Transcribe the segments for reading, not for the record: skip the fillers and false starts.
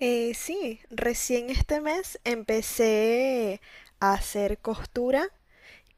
Sí, recién este mes empecé a hacer costura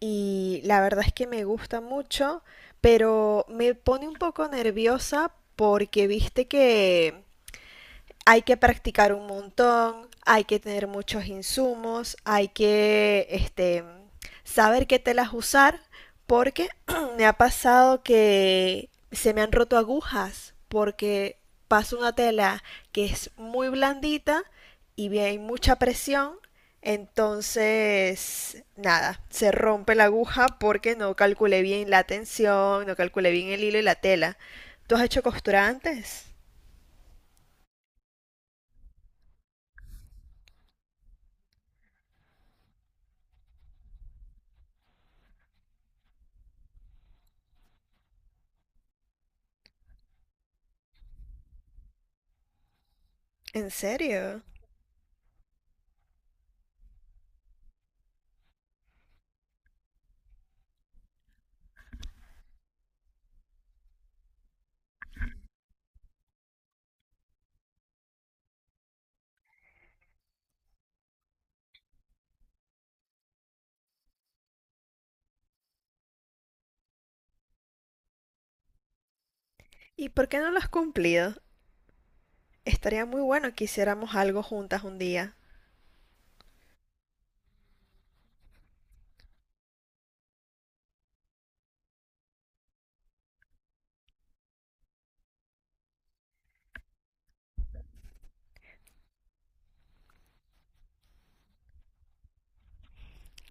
y la verdad es que me gusta mucho, pero me pone un poco nerviosa porque viste que hay que practicar un montón, hay que tener muchos insumos, hay que saber qué telas usar, porque me ha pasado que se me han roto agujas, porque paso una tela que es muy blandita y bien, hay mucha presión, entonces, nada, se rompe la aguja porque no calculé bien la tensión, no calculé bien el hilo y la tela. ¿Tú has hecho costura antes? ¿En serio? ¿Y por qué no lo has cumplido? Estaría muy bueno que hiciéramos algo juntas un día.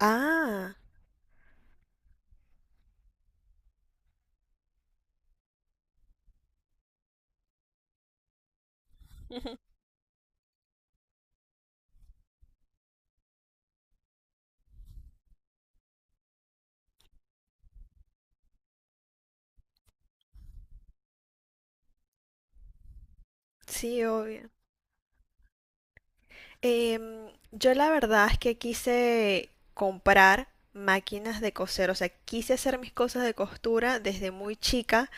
Ah, sí, obvio. Em, yo la verdad es que quise comprar máquinas de coser, o sea, quise hacer mis cosas de costura desde muy chica.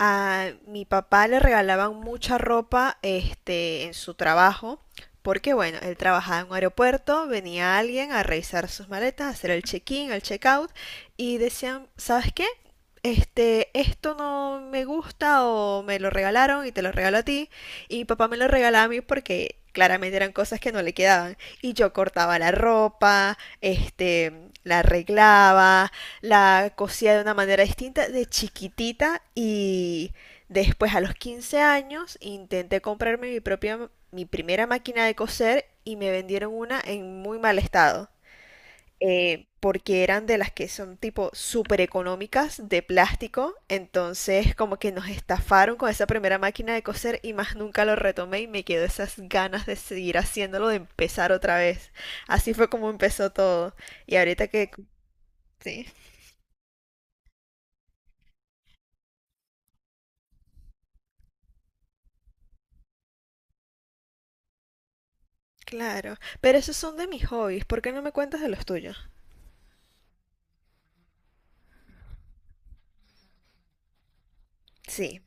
A mi papá le regalaban mucha ropa, este, en su trabajo, porque bueno, él trabajaba en un aeropuerto, venía alguien a revisar sus maletas, a hacer el check-in, el check-out, y decían, ¿sabes qué? Este, esto no me gusta o me lo regalaron y te lo regalo a ti. Y mi papá me lo regalaba a mí porque claramente eran cosas que no le quedaban. Y yo cortaba la ropa, este, la arreglaba, la cosía de una manera distinta de chiquitita y después a los 15 años intenté comprarme mi propia, mi primera máquina de coser y me vendieron una en muy mal estado, porque eran de las que son tipo súper económicas de plástico, entonces como que nos estafaron con esa primera máquina de coser y más nunca lo retomé y me quedó esas ganas de seguir haciéndolo, de empezar otra vez. Así fue como empezó todo. Y ahorita que... Sí, claro. Pero esos son de mis hobbies, ¿por qué no me cuentas de los tuyos? Sí,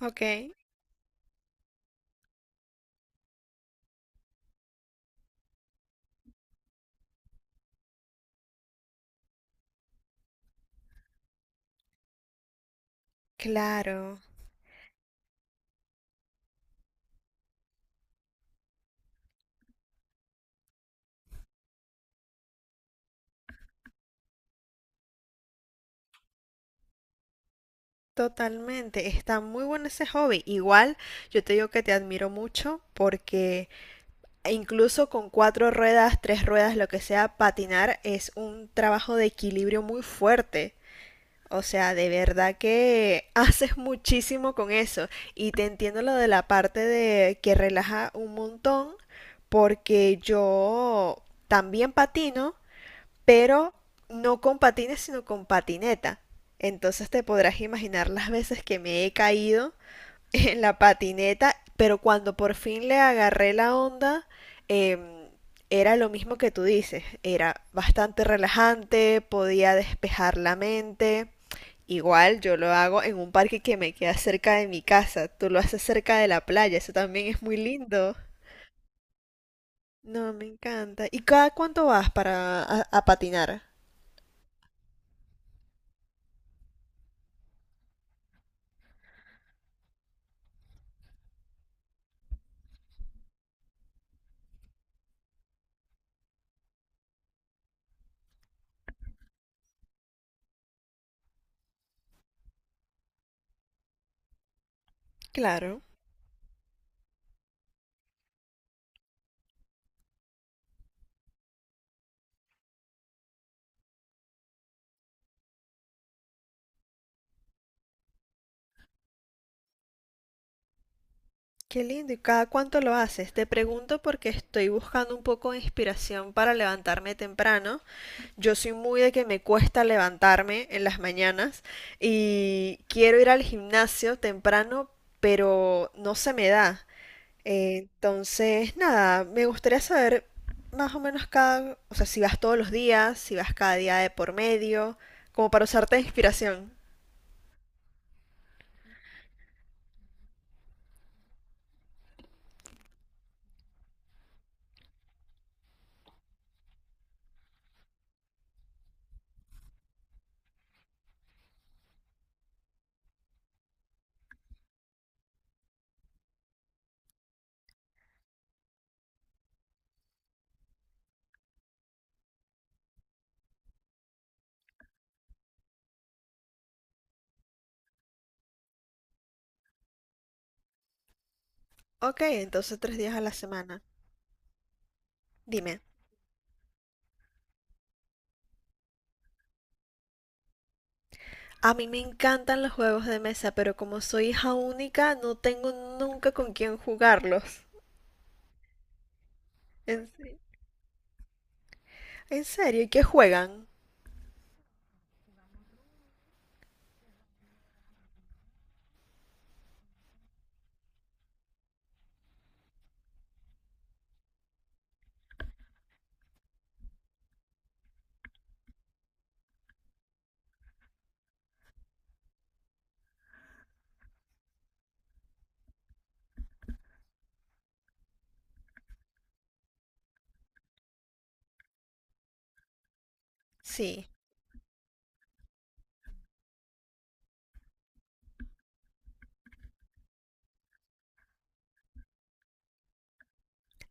ok, claro. Totalmente, está muy bueno ese hobby. Igual, yo te digo que te admiro mucho porque e incluso con cuatro ruedas, tres ruedas, lo que sea, patinar es un trabajo de equilibrio muy fuerte. O sea, de verdad que haces muchísimo con eso. Y te entiendo lo de la parte de que relaja un montón, porque yo también patino, pero no con patines, sino con patineta. Entonces te podrás imaginar las veces que me he caído en la patineta, pero cuando por fin le agarré la onda, em, era lo mismo que tú dices, era bastante relajante, podía despejar la mente. Igual yo lo hago en un parque que me queda cerca de mi casa, tú lo haces cerca de la playa, eso también es muy lindo. No, me encanta. ¿Y cada cuánto vas para a patinar? Claro. Qué lindo. ¿Y cada cuánto lo haces? Te pregunto porque estoy buscando un poco de inspiración para levantarme temprano. Yo soy muy de que me cuesta levantarme en las mañanas y quiero ir al gimnasio temprano, pero no se me da. Entonces, nada, me gustaría saber más o menos cada, o sea, si vas todos los días, si vas cada día de por medio, como para usarte de inspiración. Ok, entonces 3 días a la semana. Dime, a mí me encantan los juegos de mesa, pero como soy hija única, no tengo nunca con quién jugarlos. ¿En, en serio? ¿Y qué juegan? Sí.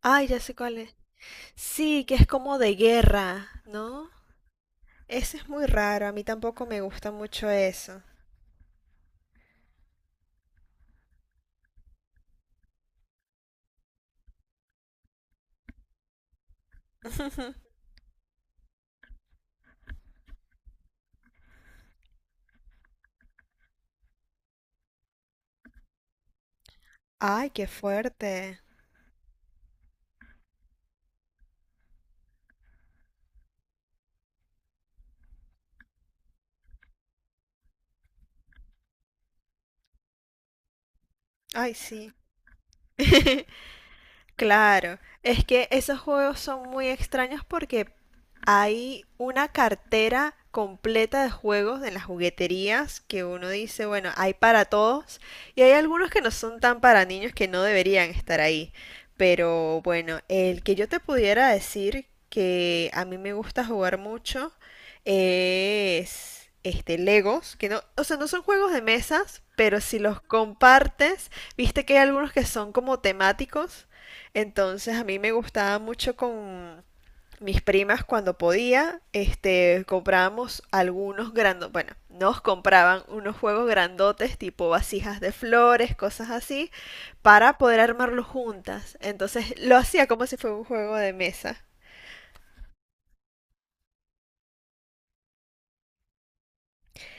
Ay, ya sé cuál es. Sí, que es como de guerra, ¿no? Ese es muy raro, a mí tampoco me gusta mucho eso. Ay, qué fuerte. Ay, sí. Claro, es que esos juegos son muy extraños porque hay una cartera completa de juegos en las jugueterías que uno dice, bueno, hay para todos y hay algunos que no son tan para niños que no deberían estar ahí. Pero bueno, el que yo te pudiera decir que a mí me gusta jugar mucho es este Legos, que no, o sea, no son juegos de mesas, pero si los compartes, viste que hay algunos que son como temáticos. Entonces a mí me gustaba mucho con mis primas cuando podía, este, comprábamos algunos grandotes, bueno, nos compraban unos juegos grandotes tipo vasijas de flores, cosas así, para poder armarlos juntas. Entonces lo hacía como si fuera un juego de mesa.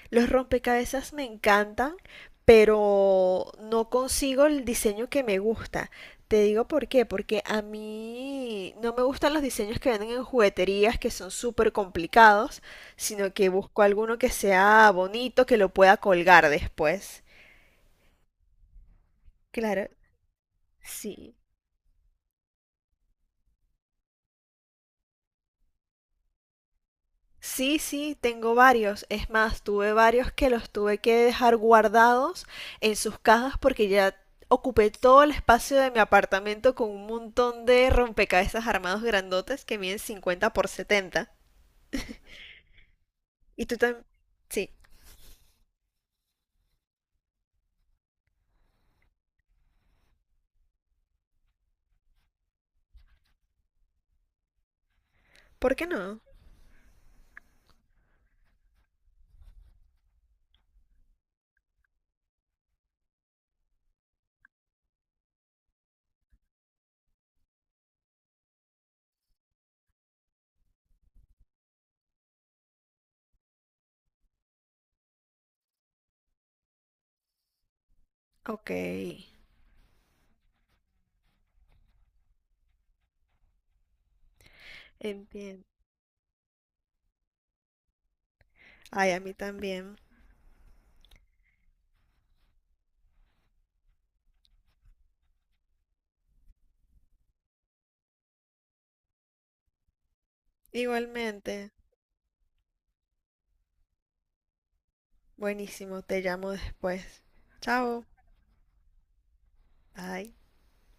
Los rompecabezas me encantan, pero no consigo el diseño que me gusta. Te digo por qué, porque a mí no me gustan los diseños que venden en jugueterías que son súper complicados, sino que busco alguno que sea bonito, que lo pueda colgar después. Claro, sí. Sí, sí, tengo varios. Es más, tuve varios que los tuve que dejar guardados en sus cajas porque ya ocupé todo el espacio de mi apartamento con un montón de rompecabezas armados grandotes que miden 50 por 70. Y tú también... Sí, ¿por qué no? Ok, entiendo. Ay, a mí también. Igualmente. Buenísimo, te llamo después. Chao. Bye.